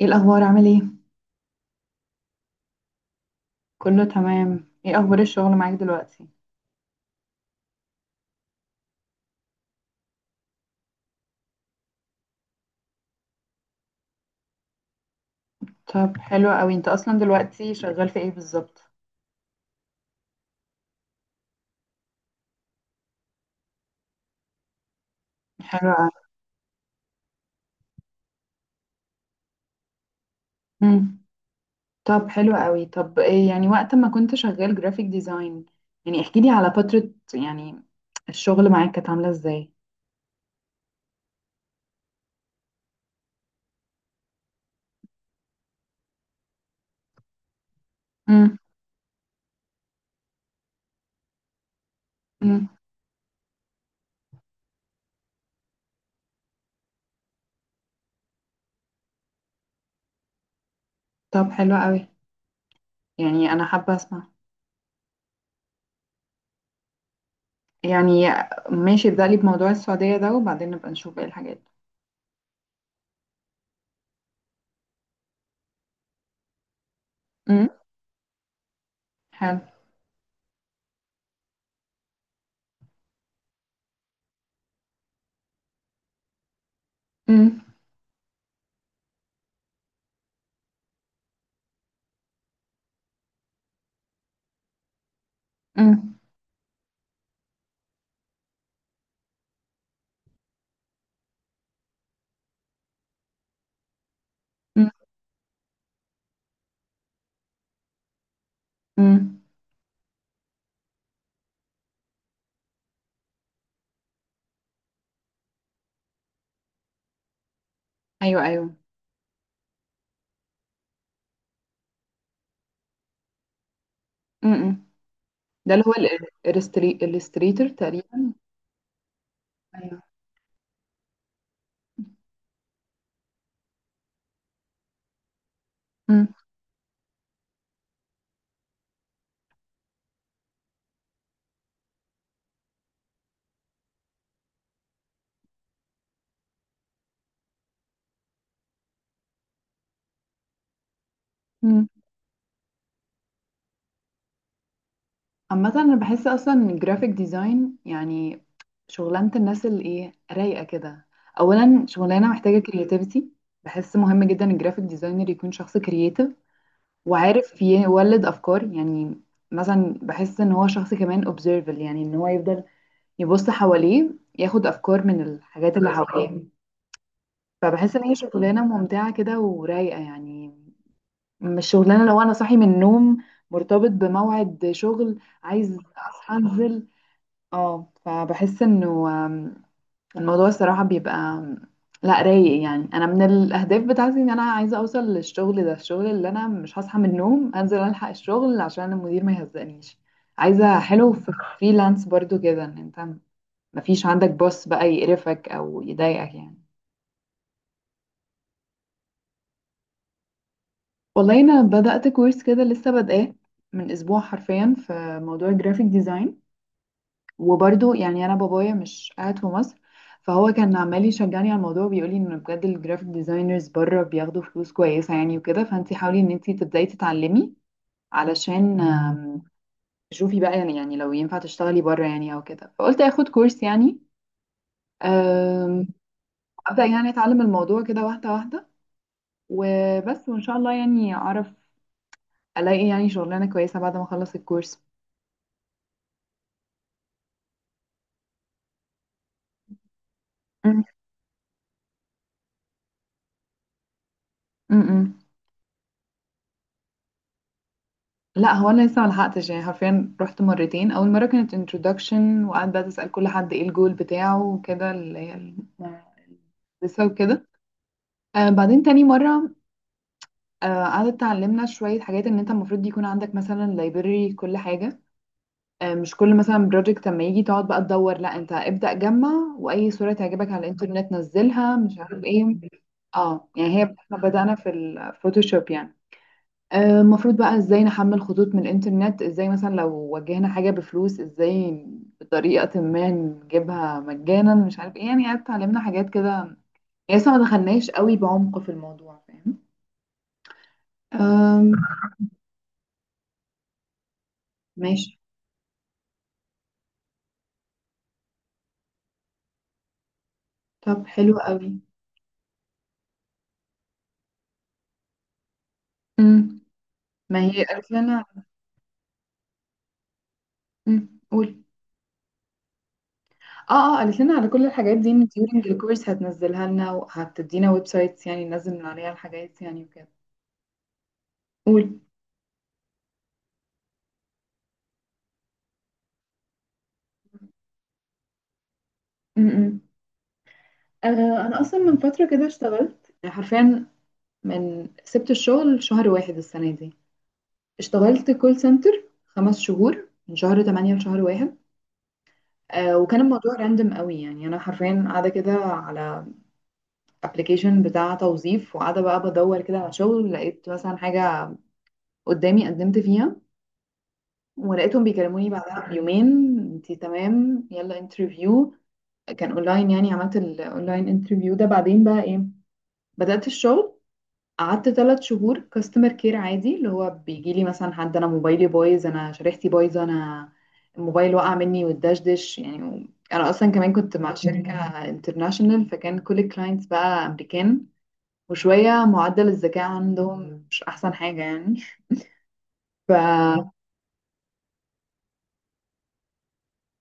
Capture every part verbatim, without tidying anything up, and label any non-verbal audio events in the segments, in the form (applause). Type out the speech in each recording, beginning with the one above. ايه الاخبار عامل ايه؟ كله تمام. ايه اخبار الشغل معاك دلوقتي؟ طب حلو قوي، انت اصلا دلوقتي شغال في ايه بالظبط؟ حلو قوي. امم. طب حلو قوي، طب ايه يعني وقت ما كنت شغال جرافيك ديزاين، يعني احكي لي على فترة، يعني الشغل معاك كانت عاملة ازاي؟ امم. امم. طب حلو قوي، يعني انا حابة اسمع. يعني ماشي، ابدأ لي بموضوع السعودية ده وبعدين نبقى نشوف ايه الحاجات. امم. حلو. امم. امم. امم. أمم. ايوه، ايوه. امم، ده اللي هو الاستريتور تقريبا. ايوه. مم. مم. عامة انا بحس اصلا ان الجرافيك ديزاين، يعني شغلانة الناس اللي، ايه، رايقة كده. اولا شغلانة محتاجة كرياتيفيتي. بحس مهم جدا الجرافيك ديزاينر يكون شخص كرياتيف وعارف يولد افكار يعني. مثلا بحس ان هو شخص كمان observable، يعني ان هو يفضل يبص حواليه، ياخد افكار من الحاجات اللي حواليه. فبحس ان هي شغلانة ممتعة كده ورايقة، يعني مش شغلانه لو انا صاحي من النوم مرتبط بموعد شغل عايز اصحى انزل. اه، فبحس انه آم، الموضوع الصراحه بيبقى آم، لا رايق. يعني انا من الاهداف بتاعتي ان انا عايزه اوصل للشغل ده، الشغل اللي انا مش هصحى من النوم انزل الحق الشغل عشان المدير ما يهزقنيش. عايزه حلو في فريلانس برضو كده، ان انت مفيش عندك بوس بقى يقرفك او يضايقك يعني. والله انا بدأت كورس كده لسه بادئاه من اسبوع حرفيا في موضوع الجرافيك ديزاين. وبرده يعني انا بابايا مش قاعد في مصر، فهو كان عمال يشجعني على الموضوع، بيقول لي ان بجد الجرافيك ديزاينرز بره بياخدوا فلوس كويسه يعني، وكده فانت حاولي ان انت تبداي تتعلمي علشان آم، تشوفي بقى، يعني يعني لو ينفع تشتغلي بره يعني او كده. فقلت اخد كورس يعني. آم، ابدا يعني اتعلم الموضوع كده واحده واحده، وبس وان شاء الله يعني اعرف الاقي يعني شغلانه كويسه بعد ما اخلص الكورس. م- م- م. لا، هو انا لسه ملحقتش، يعني حرفيا رحت مرتين. اول مره كانت introduction وقعدت بقى تسال كل حد ايه الجول بتاعه وكده اللي هي ال- لسه وكده. آه، بعدين تاني مره آه قعدت تعلمنا شويه حاجات ان انت المفروض يكون عندك مثلا library كل حاجه. آه، مش كل مثلا بروجكت لما يجي تقعد بقى تدور، لا انت ابدا جمع واي صوره تعجبك على الانترنت نزلها، مش عارف ايه. اه، يعني هي احنا بدانا في الفوتوشوب يعني. آه، المفروض بقى ازاي نحمل خطوط من الانترنت، ازاي مثلا لو واجهنا حاجة بفلوس ازاي بطريقة ما نجيبها مجانا، مش عارف ايه، يعني اتعلمنا حاجات كده. لسه ما دخلناش قوي بعمق في الموضوع، فاهم؟ أم. ماشي. طب حلو قوي. أم، ما هي قالت لنا. أم، قول. اه، اه، قالت لنا على كل الحاجات دي ان during الكورس هتنزلها لنا وهتدينا ويب سايتس، يعني ننزل من عليها الحاجات يعني وكده. قول. م-م. آه، انا اصلا من فتره كده اشتغلت حرفيا. من سبت الشغل شهر واحد السنة دي اشتغلت كول سنتر خمس شهور، من شهر تمانية لشهر واحد. آه، وكان الموضوع راندم قوي، يعني أنا حرفيا قاعدة كده على ابلكيشن بتاع توظيف وقاعدة بقى بدور كده على شغل. لقيت مثلا حاجة قدامي قدمت فيها ولقيتهم بيكلموني بعدها بيومين، انتي تمام، يلا انترفيو. كان اونلاين، يعني عملت الاونلاين انترفيو ده، بعدين بقى ايه، بدأت الشغل. قعدت ثلاث شهور كاستمر كير عادي، اللي هو بيجي لي مثلا حد انا موبايلي بايظ، انا شريحتي بايظه، انا الموبايل وقع مني والدشدش يعني. انا اصلا كمان كنت مع شركه انترناشونال، فكان كل الكلاينتس بقى امريكان، وشويه معدل الذكاء عندهم مش احسن حاجه يعني. ف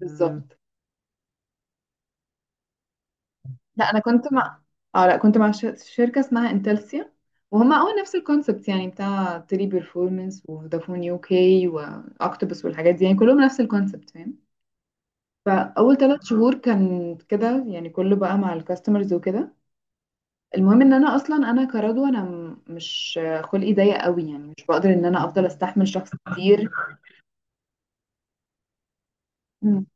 بالظبط. لا انا كنت مع اه لا كنت مع ش- شركه اسمها انتلسيا. وهم اه نفس الكونسبت، يعني بتاع تيلي بيرفورمانس وفودافون يو كي واكتوبس والحاجات دي، يعني كلهم نفس الكونسبت، فاهم؟ فاول ثلاث شهور كان كده يعني، كله بقى مع الكاستمرز وكده. المهم ان انا اصلا انا كرضوى انا م- مش خلقي ضيق قوي، يعني مش بقدر ان انا افضل استحمل شخص كتير. مم.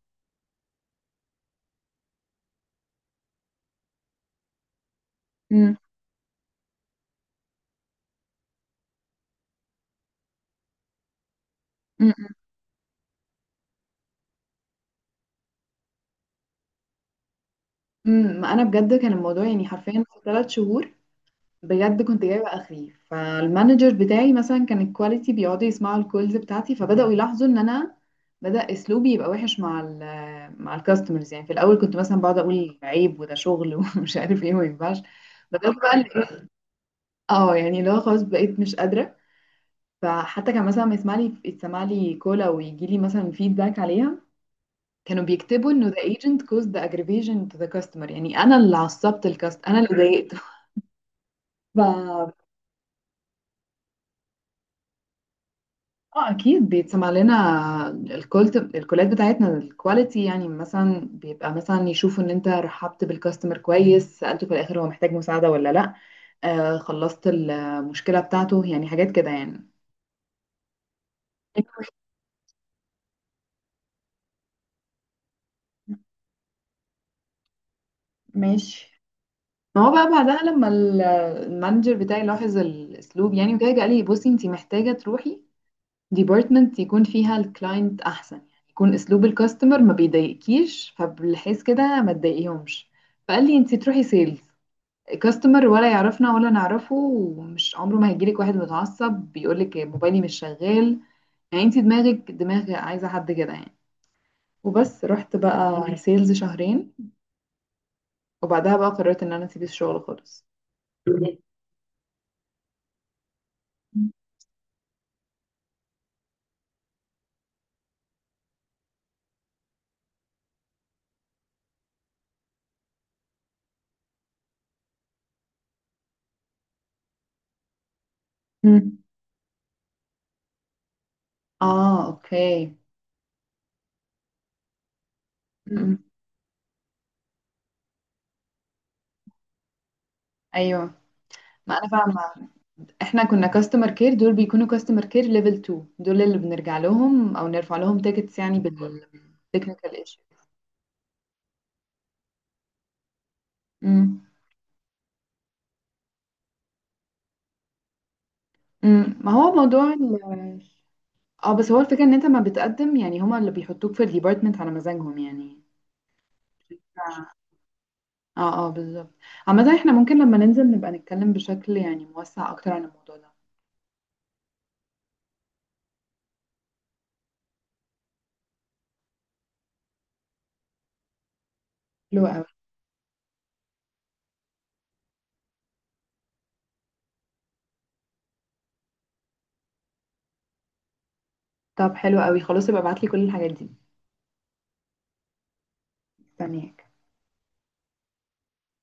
مم. مم. مم. ما انا بجد كان الموضوع، يعني حرفيا في ثلاث شهور بجد كنت جايبه اخري. فالمانجر بتاعي مثلا كان الكواليتي بيقعدوا يسمعوا الكولز بتاعتي، فبداوا يلاحظوا ان انا بدأ اسلوبي يبقى وحش مع ال مع الكاستمرز، يعني في الاول كنت مثلا بقعد اقول عيب وده شغل (laughs) ومش عارف ايه وما ينفعش. بدأت بقى، اه يعني اللي هو خلاص بقيت مش قادرة. فحتى كان مثلا لما يسمع لي يتسمع لي كولا ويجي لي مثلا فيدباك عليها، كانوا بيكتبوا انه the agent caused the aggravation to the customer، يعني انا اللي عصبت الكاست، انا اللي ضايقته. (laughs) ف اه اكيد بيتسمع لنا الكولت الكولات بتاعتنا الكواليتي، يعني مثلا بيبقى مثلا يشوفوا ان انت رحبت بالكاستمر كويس، سألته في الاخر هو محتاج مساعدة ولا لا، آه خلصت المشكلة بتاعته، يعني حاجات كده يعني. ماشي. ما هو بقى بعدها لما ال- المانجر بتاعي لاحظ الاسلوب يعني وكده، قال لي بصي انت محتاجه تروحي ديبارتمنت يكون فيها الكلاينت احسن، يعني يكون اسلوب الكاستمر ما بيضايقكيش، فبالحيث كده ما تضايقيهمش. فقال لي انت تروحي سيلز. كاستمر ولا يعرفنا ولا نعرفه ومش عمره ما هيجيلك واحد متعصب بيقولك موبايلي مش شغال. يعني انت دماغك دماغ عايزه حد كده يعني. وبس رحت بقى سيلز شهرين، وبعدها بقى قررت ان انا اسيب الشغل خالص. مم. اه، اوكي. مم. أمم، ايوه. ما انا فاهمه. احنا كنا كاستمر كير، دول بيكونوا كاستمر كير ليفل اتنين. دول اللي بنرجع لهم او نرفع لهم تيكتس، يعني بالتكنيكال ايشو. امم. امم. ما هو موضوع ال- اه بس هو الفكره ان انت ما بتقدم، يعني هما اللي بيحطوك في الديبارتمنت على مزاجهم يعني. اه، اه، بالظبط. عامة احنا ممكن لما ننزل نبقى نتكلم بشكل يعني موسع اكتر عن الموضوع ده. حلو قوي. طب حلو قوي خلاص، يبقى ابعتلي كل الحاجات دي. مستنياك.